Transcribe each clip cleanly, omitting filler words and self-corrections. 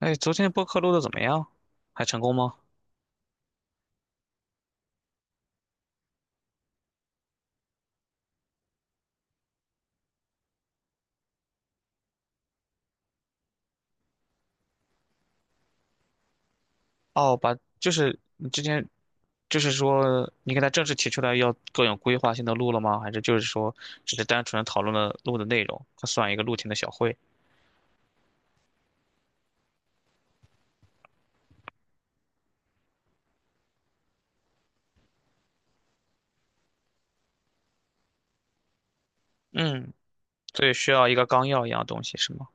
哎，昨天播客录的怎么样？还成功吗？哦，把就是你之前就是说你给他正式提出来要更有规划性的录了吗？还是就是说只是单纯讨论了录的内容，它算一个录前的小会？嗯，所以需要一个纲要一样的东西是吗？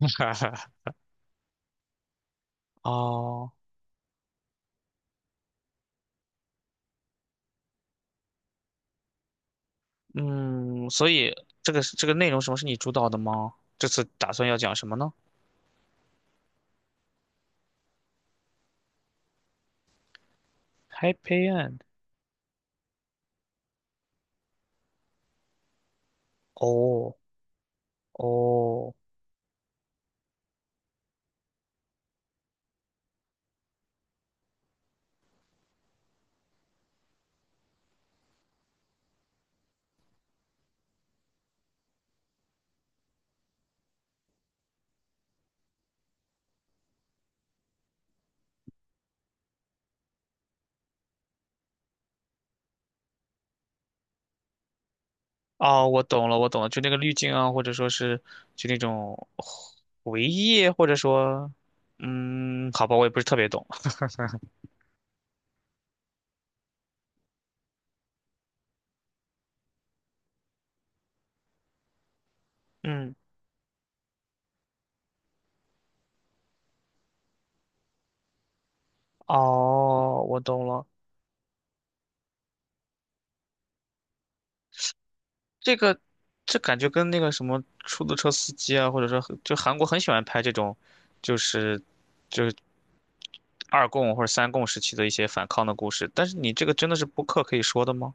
哦，嗯，所以这个内容什么是你主导的吗？这次打算要讲什么呢？Happy End。哦哦，哦，我懂了，我懂了，就那个滤镜啊，或者说是就那种回忆，或者说，嗯，好吧，我也不是特别懂。嗯，哦，我懂了，这个这感觉跟那个什么出租车司机啊，或者说很就韩国很喜欢拍这种，就是就是二共或者三共时期的一些反抗的故事。但是你这个真的是播客可以说的吗？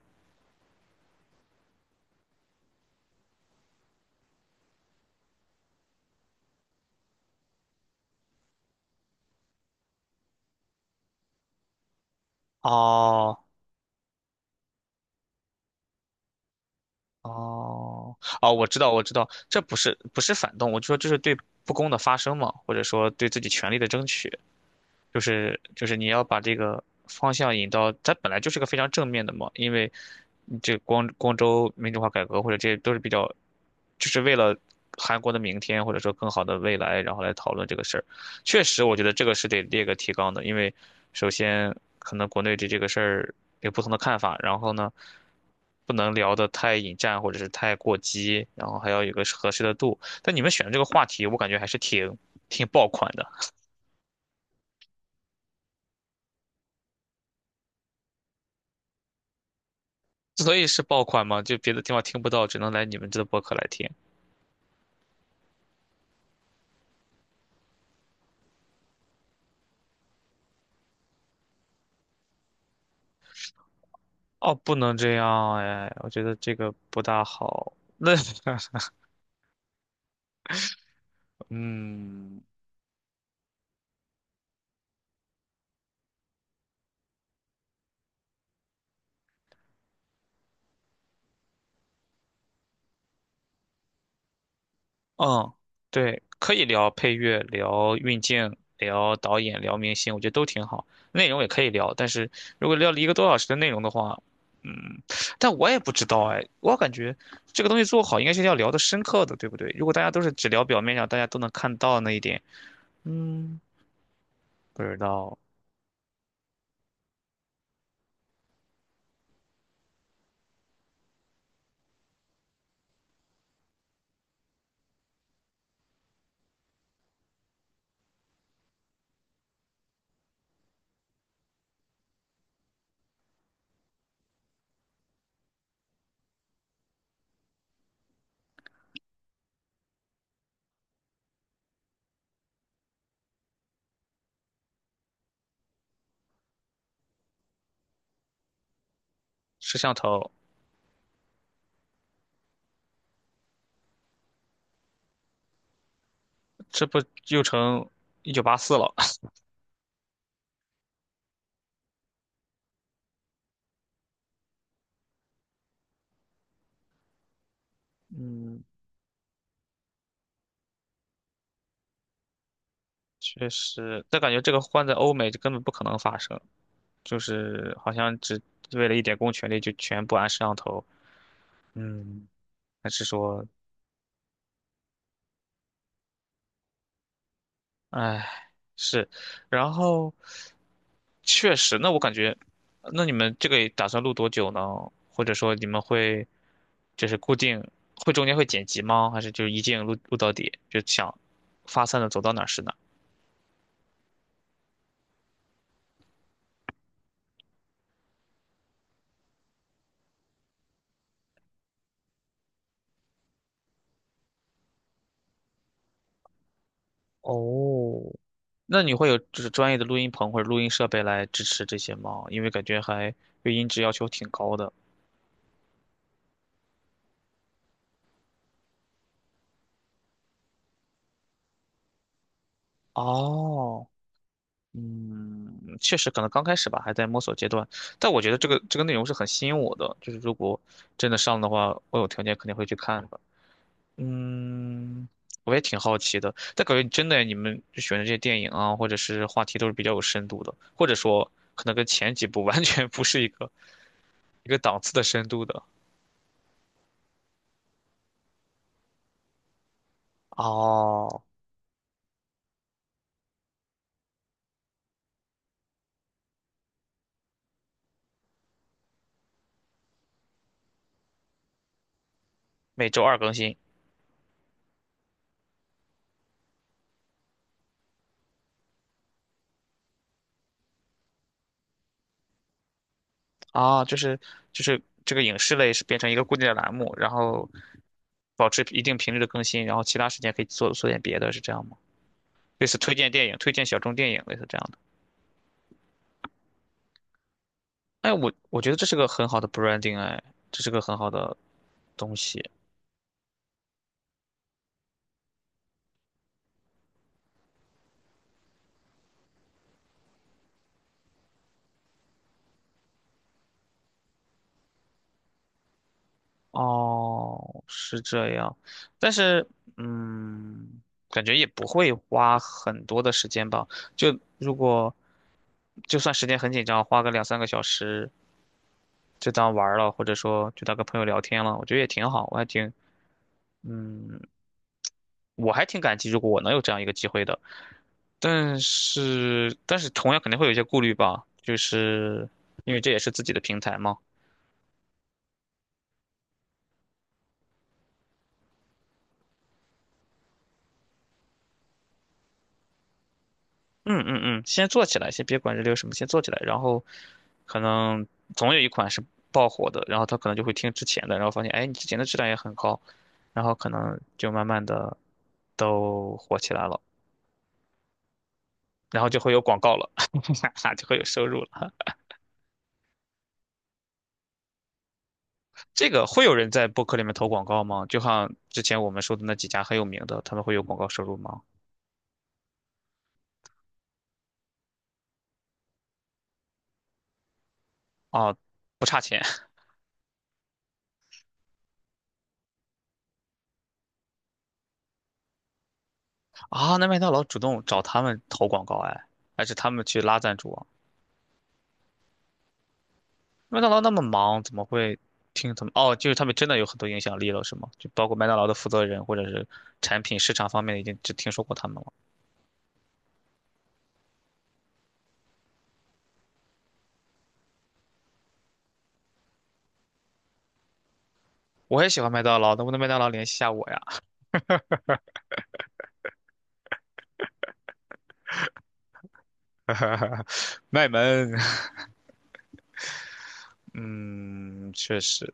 哦，哦，哦，我知道，我知道，这不是反动，我就说这是对不公的发声嘛，或者说对自己权利的争取。就是你要把这个方向引到，它本来就是个非常正面的嘛，因为这光州民主化改革或者这些都是比较，就是为了韩国的明天或者说更好的未来，然后来讨论这个事儿。确实，我觉得这个是得列个提纲的，因为首先可能国内对这个事儿有不同的看法，然后呢。不能聊得太引战或者是太过激，然后还要有个合适的度。但你们选的这个话题，我感觉还是挺爆款的。所以是爆款嘛？就别的地方听不到，只能来你们这的播客来听。哦，不能这样哎，我觉得这个不大好。那 嗯嗯，对，可以聊配乐，聊运镜，聊导演，聊明星，我觉得都挺好。内容也可以聊，但是如果聊了一个多小时的内容的话，嗯，但我也不知道哎，我感觉这个东西做好应该是要聊的深刻的，对不对？如果大家都是只聊表面上，大家都能看到那一点，嗯，不知道。摄像头。这不又成1984了？嗯，确实，但感觉这个换在欧美就根本不可能发生，就是好像只为了一点公权力就全部安摄像头。嗯，还是说，哎，是，然后确实，那我感觉，那你们这个打算录多久呢？或者说你们会就是固定会中间会剪辑吗？还是就一镜录录到底，就想发散的走到哪儿是哪儿？哦，那你会有就是专业的录音棚或者录音设备来支持这些吗？因为感觉还对音质要求挺高的。哦，嗯，确实可能刚开始吧，还在摸索阶段。但我觉得这个内容是很吸引我的，就是如果真的上的话，我有条件肯定会去看的。嗯，我也挺好奇的。但感觉真的你们就选的这些电影啊，或者是话题都是比较有深度的，或者说可能跟前几部 完全不是一个档次的深度的。哦，每周二更新。啊，就是就是这个影视类是变成一个固定的栏目，然后保持一定频率的更新，然后其他时间可以做做点别的，是这样吗？类似推荐电影、推荐小众电影，类似这样的。哎，我觉得这是个很好的 branding，哎，这是个很好的东西。哦，是这样，但是嗯，感觉也不会花很多的时间吧。就如果就算时间很紧张，花个两三个小时，就当玩儿了，或者说就当跟朋友聊天了，我觉得也挺好，我还挺，嗯，我还挺感激，如果我能有这样一个机会的。但是，但是同样肯定会有一些顾虑吧，就是因为这也是自己的平台嘛。嗯嗯嗯，先做起来，先别管这里有什么，先做起来，然后可能总有一款是爆火的，然后他可能就会听之前的，然后发现，哎，你之前的质量也很高，然后可能就慢慢的都火起来了，然后就会有广告了，哈哈就会有收入了。这个会有人在播客里面投广告吗？就像之前我们说的那几家很有名的，他们会有广告收入吗？啊，不差钱 啊！那麦当劳主动找他们投广告，哎，还是他们去拉赞助啊？麦当劳那么忙，怎么会听他们？哦，就是他们真的有很多影响力了，是吗？就包括麦当劳的负责人或者是产品市场方面，已经只听说过他们了。我也喜欢麦当劳，能不能麦当劳联系一下我呀？卖萌，嗯，确实。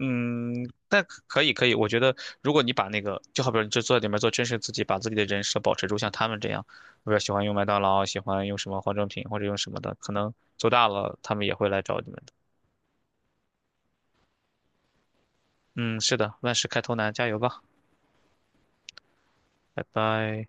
嗯，但可以，我觉得如果你把那个，就好比说你就坐在里面做真实自己，把自己的人设保持住，像他们这样，比如喜欢用麦当劳，喜欢用什么化妆品或者用什么的，可能做大了他们也会来找你们的。嗯，是的，万事开头难，加油吧，拜拜。